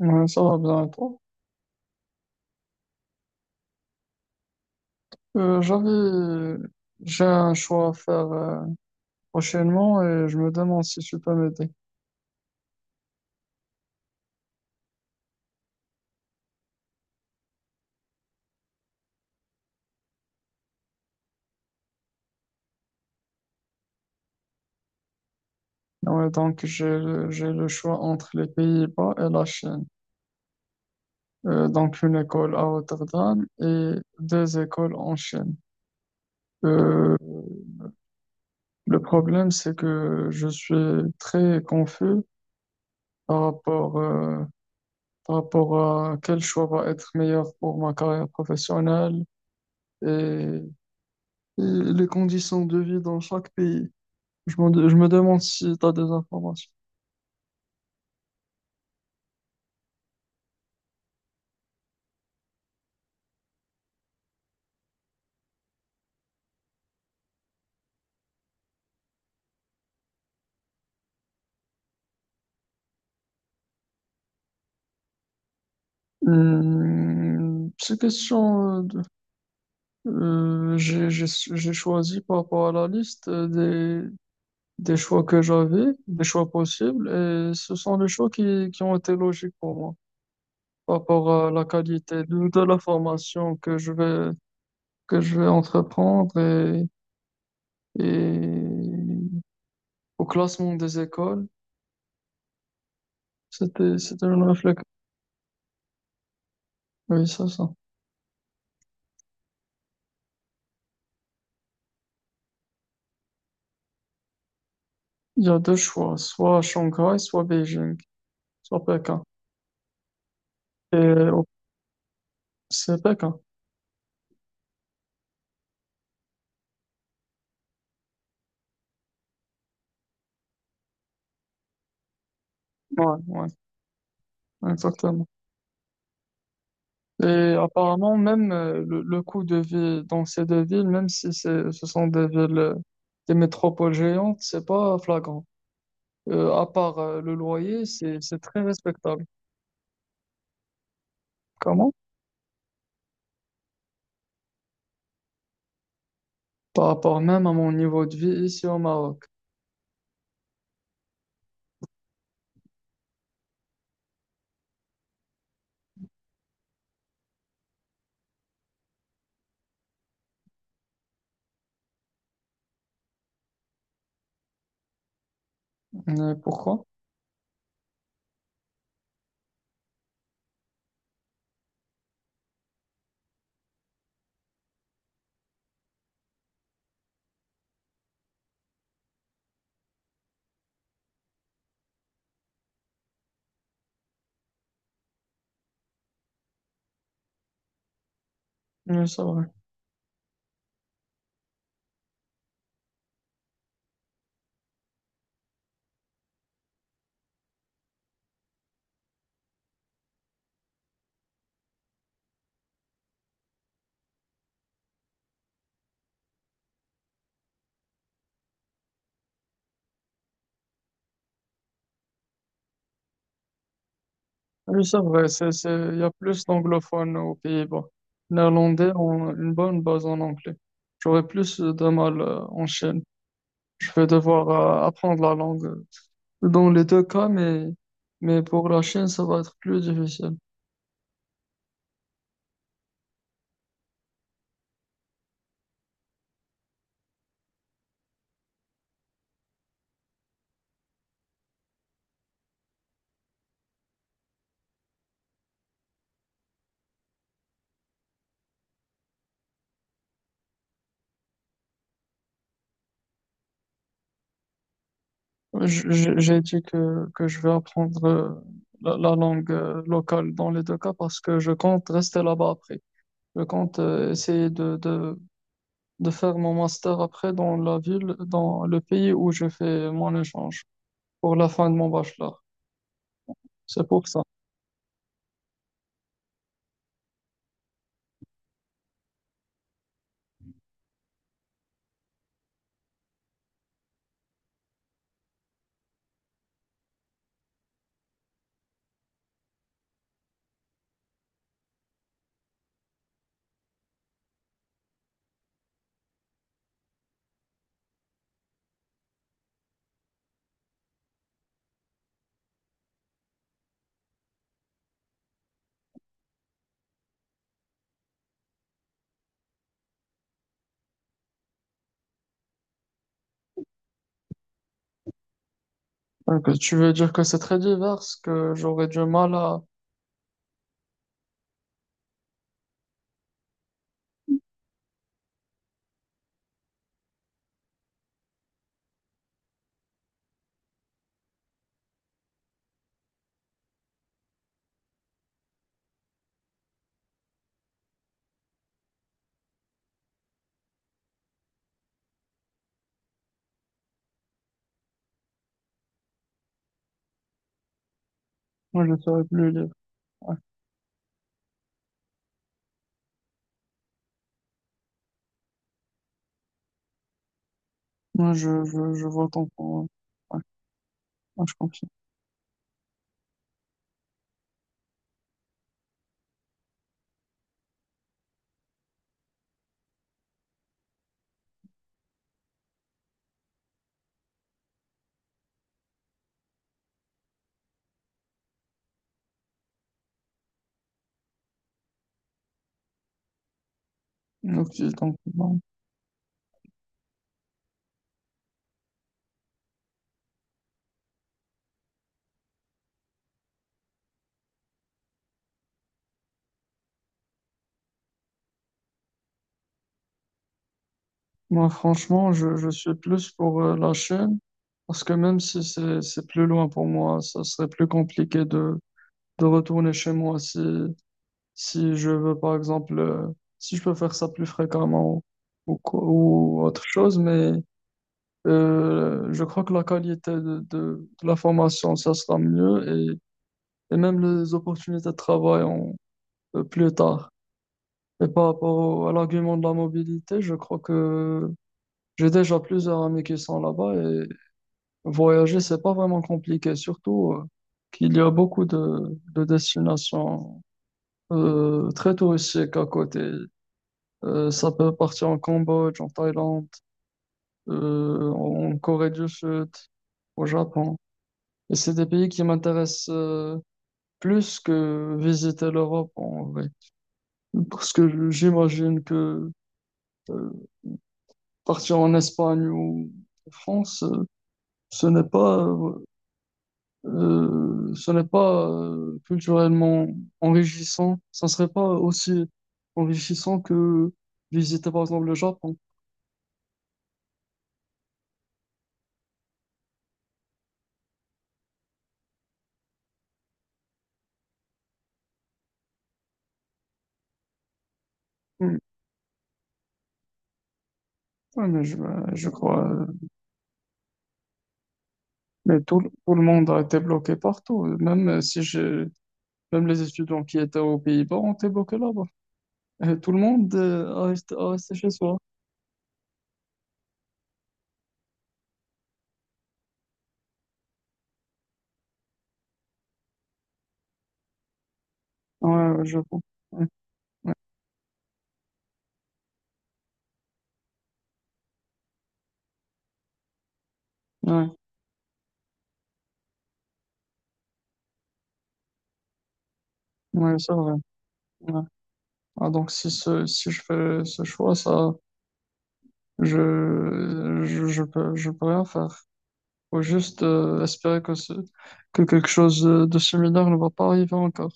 Ouais, ça va bien et toi? Euh, j'avais, j'ai un choix à faire prochainement et je me demande si tu peux m'aider. Ouais, donc j'ai le choix entre les Pays-Bas et la Chine. Donc une école à Rotterdam et deux écoles en Chine. Euh, le problème c'est que je suis très confus par rapport, euh, par rapport à quel choix va être meilleur pour ma carrière professionnelle et et les conditions de vie dans chaque pays. Je me demande si tu as des informations. Petite question. J'ai choisi par rapport à la liste des choix que j'avais, des choix possibles, et ce sont les choix qui ont été logiques pour moi par rapport à la qualité de la formation que je vais entreprendre et au classement des écoles. C'était une réflexion. Oui, c'est ça. Il y a deux choix, soit Shanghai, soit Beijing. Sur Pékin. Et au- c'est Pékin. Ouais, ouais, exactement. Et apparemment, même le coût de vie dans ces deux villes, même si ce sont des villes, des métropoles géantes, c'est pas flagrant. À part le loyer, c'est très respectable. Comment? Par rapport même à mon niveau de vie ici au Maroc. Mais pourquoi? Oui, c'est vrai. Oui, c'est vrai. Il y a plus d'anglophones aux Pays-Bas. Néerlandais ont une bonne base en anglais. J'aurais plus de mal en Chine. Je vais devoir apprendre la langue dans les deux cas, mais pour la Chine, ça va être plus difficile. J'ai dit que je vais apprendre la langue locale dans les deux cas parce que je compte rester là-bas après. Je compte essayer de faire mon master après dans la ville, dans le pays où je fais mon échange pour la fin de mon bachelor. C'est pour ça. Donc, tu veux dire que c'est très divers, que j'aurais du mal à... Moi, je serais plus libre. Moi, je vote en pour. Ouais, moi, je confie. Ok, donc, bon. Moi, franchement, je suis plus pour la Chine, parce que même si c'est plus loin pour moi, ça serait plus compliqué de retourner chez moi si je veux, par exemple, si je peux faire ça plus fréquemment ou, ou autre chose, mais je crois que la qualité de la formation, ça sera mieux et, et même les opportunités de travail plus tard. Et par rapport à l'argument de la mobilité, je crois que j'ai déjà plusieurs amis qui sont là-bas et voyager, c'est pas vraiment compliqué, surtout qu'il y a beaucoup de destinations très touristiques à côté. Ça peut partir en Cambodge, en Thaïlande, en Corée du Sud, au Japon. Et c'est des pays qui m'intéressent plus que visiter l'Europe en vrai. Parce que j'imagine que euh, partir en Espagne ou en France, ce n'est pas, culturellement enrichissant. Ça ne serait pas aussi enrichissant que visiter par exemple le Japon. Hmm. Ouais, mais mais tout le monde a été bloqué partout. Même si je, même les étudiants qui étaient aux Pays-Bas ont été bloqués là-bas. Tout le monde a resté chez soi. Ouais, ouais, je comprends. Ouais, ouais, ouais, ouais, c'est vrai. Ouais. Ah, donc si, si je fais ce choix, ça, je peux rien faire. Faut juste espérer que, que quelque chose de similaire ne va pas arriver encore.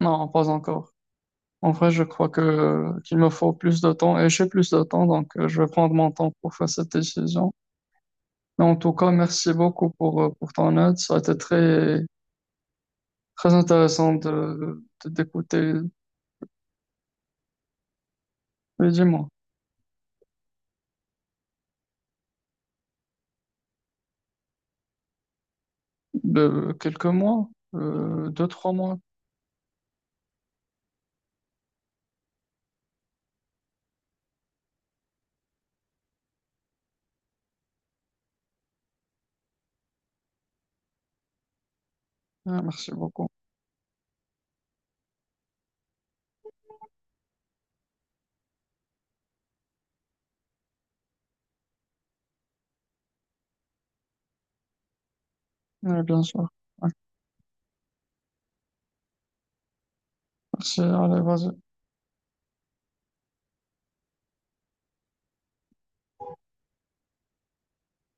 Non, pas encore. En vrai, je crois que qu'il me faut plus de temps et j'ai plus de temps, donc je vais prendre mon temps pour faire cette décision. Mais en tout cas, merci beaucoup pour ton aide. Ça a été très, très intéressant d'écouter, mais dis-moi, de quelques mois, deux, trois mois. Ah, merci beaucoup. Ouais, bien sûr. Ouais, merci. Allez, vas-y.